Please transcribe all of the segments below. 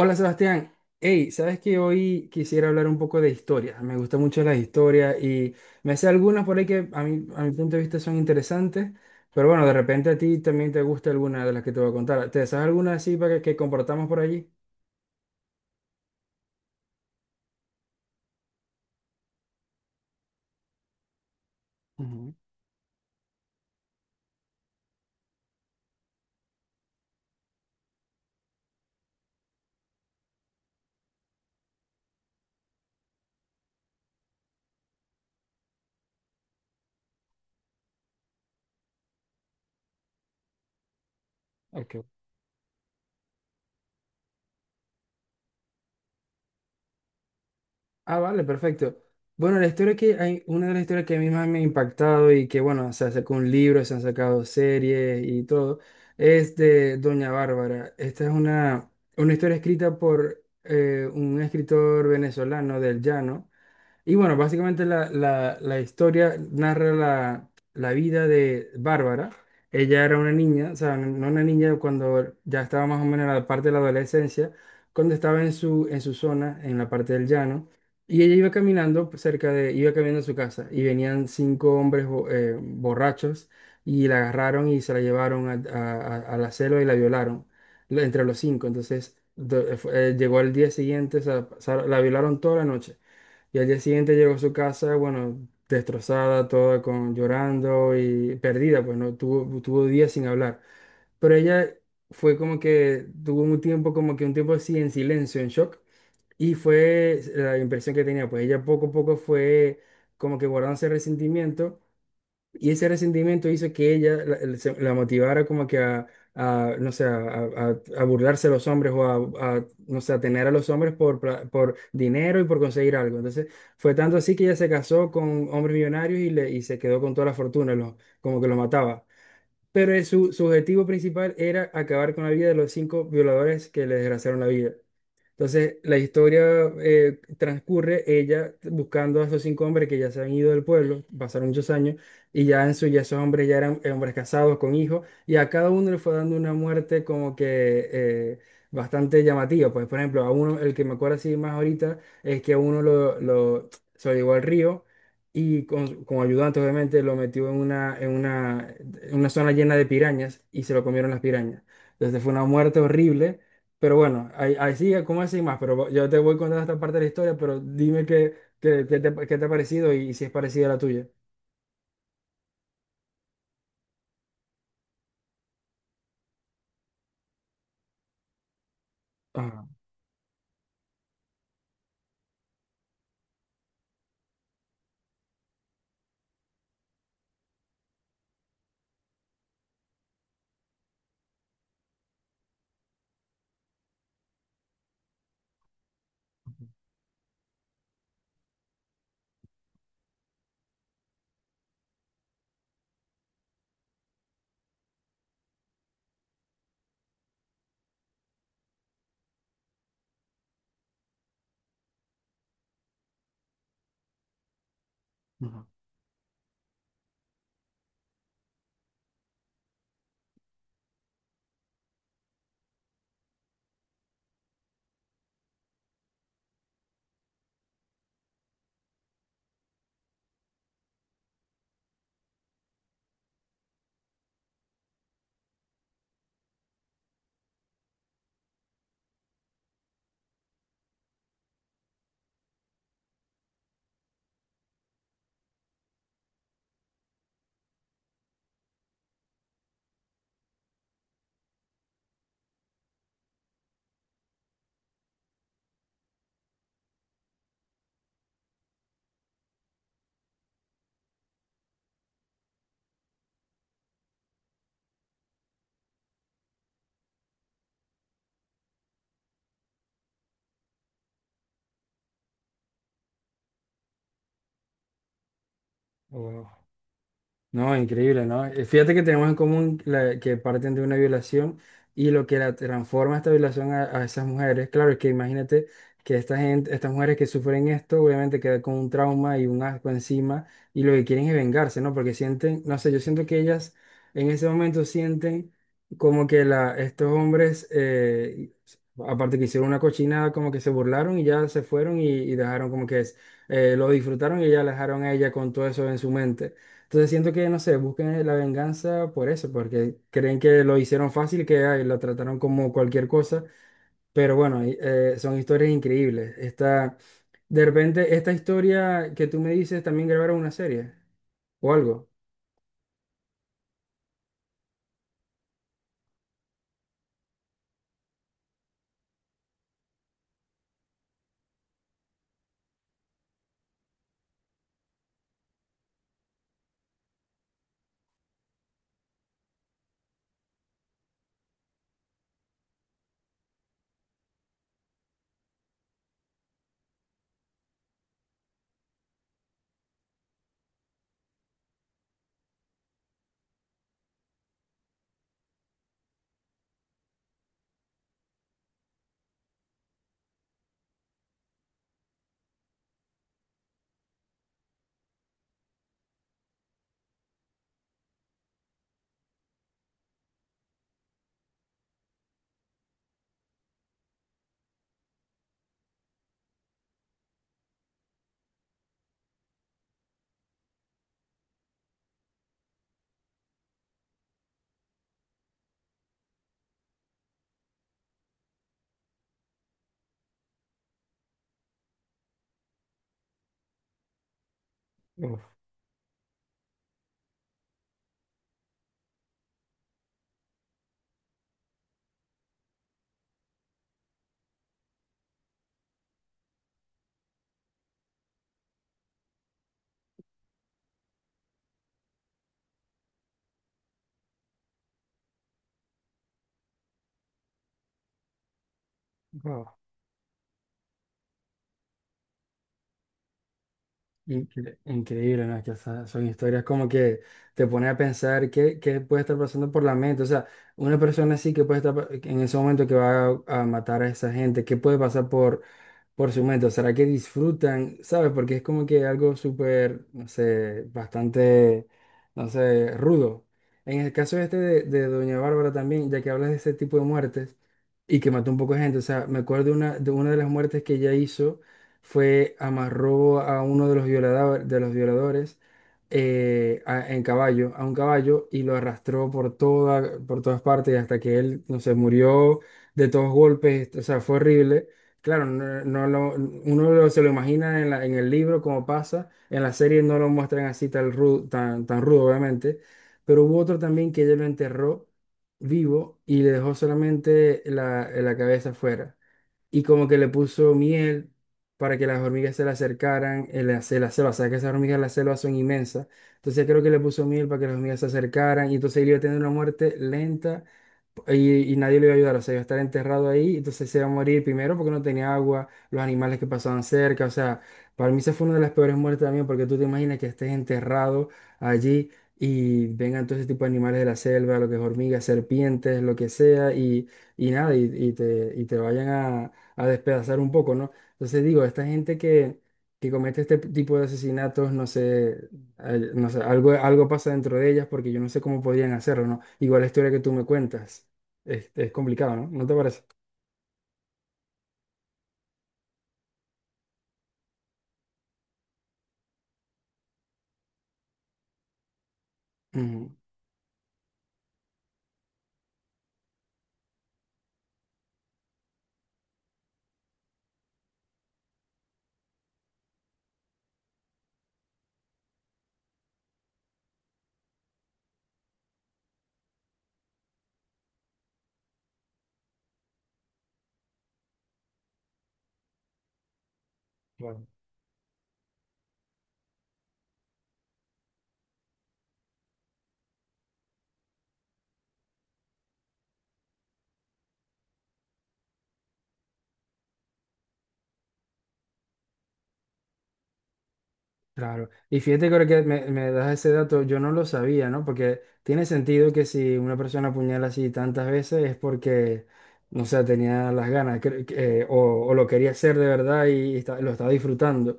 Hola Sebastián, hey, sabes que hoy quisiera hablar un poco de historia. Me gustan mucho las historias y me sé algunas por ahí que a mi punto de vista son interesantes, pero bueno, de repente a ti también te gusta alguna de las que te voy a contar. ¿Te sabes alguna así para que compartamos por allí? Ujú. OK. Ah, vale, perfecto. Bueno, la historia que hay, una de las historias que a mí más me ha impactado y que, bueno, se sacó un libro, se han sacado series y todo, es de Doña Bárbara. Esta es una historia escrita por un escritor venezolano del Llano. Y bueno, básicamente la historia narra la vida de Bárbara. Ella era una niña, o sea, no una niña, cuando ya estaba más o menos en la parte de la adolescencia, cuando estaba en su zona, en la parte del llano, y ella iba iba caminando a su casa, y venían cinco hombres borrachos, y la agarraron y se la llevaron a la celda y la violaron, entre los cinco. Entonces, llegó al día siguiente, o sea, la violaron toda la noche. Y al día siguiente llegó a su casa, bueno, destrozada, toda con llorando y perdida, pues tuvo días sin hablar. Pero ella fue como que tuvo un tiempo, como que un tiempo así en silencio, en shock. Y fue la impresión que tenía, pues ella poco a poco fue como que guardándose resentimiento, y ese resentimiento hizo que ella la motivara como que a, no sé, a burlarse a los hombres o a, no sé, a tener a los hombres por dinero y por conseguir algo. Entonces, fue tanto así que ella se casó con hombres millonarios y se quedó con toda la fortuna, como que los mataba. Pero su objetivo principal era acabar con la vida de los cinco violadores que le desgraciaron la vida. Entonces, la historia transcurre ella buscando a esos cinco hombres que ya se han ido del pueblo, pasaron muchos años, y ya en su ya esos hombres ya eran hombres casados con hijos, y a cada uno le fue dando una muerte como que bastante llamativa. Pues, por ejemplo, a uno, el que me acuerdo así más ahorita, es que a uno se lo llevó al río y con ayudante, obviamente, lo metió en una zona llena de pirañas y se lo comieron las pirañas. Entonces, fue una muerte horrible, pero bueno, ahí sigue, ¿cómo así más? Pero yo te voy contando esta parte de la historia, pero dime qué te ha parecido y, si es parecida a la tuya. Ajá, ajá. Oh, wow. No, increíble, ¿no? Fíjate que tenemos en común que parten de una violación, y lo que la transforma esta violación a esas mujeres, claro, es que imagínate que esta gente, estas mujeres que sufren esto, obviamente quedan con un trauma y un asco encima, y lo que quieren es vengarse, ¿no? Porque sienten, no sé, yo siento que ellas en ese momento sienten como que estos hombres, aparte que hicieron una cochinada, como que se burlaron y ya se fueron, y dejaron como que es, lo disfrutaron y ya la dejaron a ella con todo eso en su mente. Entonces siento que, no sé, buscan la venganza por eso, porque creen que lo hicieron fácil, que ay, lo trataron como cualquier cosa. Pero bueno, son historias increíbles. De repente, esta historia que tú me dices, también grabaron una serie o algo. Uf. Wow. Increíble, ¿no? Que, o sea, son historias como que te pone a pensar qué puede estar pasando por la mente. O sea, una persona así que puede estar en ese momento que va a matar a esa gente, qué puede pasar por su momento, ¿será que disfrutan? ¿Sabes? Porque es como que algo súper, no sé, bastante, no sé, rudo. En el caso este de Doña Bárbara también, ya que hablas de ese tipo de muertes y que mató un poco de gente, o sea, me acuerdo de una de las muertes que ella hizo, fue amarró a uno de los de los violadores a un caballo y lo arrastró por todas partes hasta que él, no sé, murió de todos golpes, o sea, fue horrible. Claro, no, se lo imagina en el libro como pasa, en la serie no lo muestran así tan rudo, tan rudo, obviamente, pero hubo otro también que ella lo enterró vivo y le dejó solamente la cabeza afuera. Y como que le puso miel para que las hormigas se le acercaran en la selva, o sea que esas hormigas en la selva son inmensas. Entonces creo que le puso miel para que las hormigas se acercaran y entonces él iba a tener una muerte lenta, y nadie le iba a ayudar, o sea, iba a estar enterrado ahí, entonces se iba a morir primero porque no tenía agua, los animales que pasaban cerca, o sea, para mí esa fue una de las peores muertes también, porque tú te imaginas que estés enterrado allí y vengan todo ese tipo de animales de la selva, lo que es hormigas, serpientes, lo que sea, y nada, y te vayan a despedazar un poco, ¿no? Entonces digo, esta gente que comete este tipo de asesinatos, no sé, no sé, algo pasa dentro de ellas porque yo no sé cómo podrían hacerlo, ¿no? Igual la historia que tú me cuentas. Es complicado, ¿no? ¿No te parece? Mm. Claro. Claro. Y fíjate que ahora que me das ese dato, yo no lo sabía, ¿no? Porque tiene sentido que si una persona apuñala así tantas veces es porque, no sé, tenía las ganas o lo quería hacer de verdad y lo estaba disfrutando.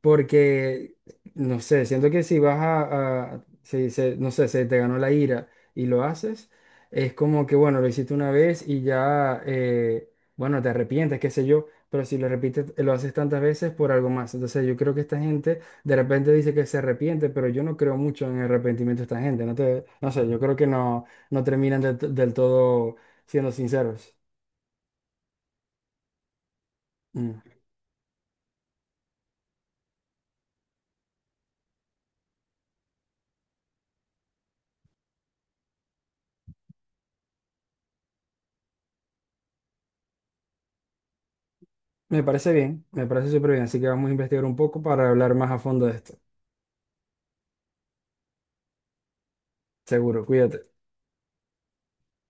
Porque, no sé, siento que si vas no sé, se te ganó la ira y lo haces, es como que, bueno, lo hiciste una vez y ya, bueno, te arrepientes, qué sé yo, pero si lo repites, lo haces tantas veces por algo más. Entonces yo creo que esta gente de repente dice que se arrepiente, pero yo no creo mucho en el arrepentimiento de esta gente. No sé, yo creo que no terminan del todo siendo sinceros. Mm. Me parece bien, me parece súper bien, así que vamos a investigar un poco para hablar más a fondo de esto. Seguro, cuídate.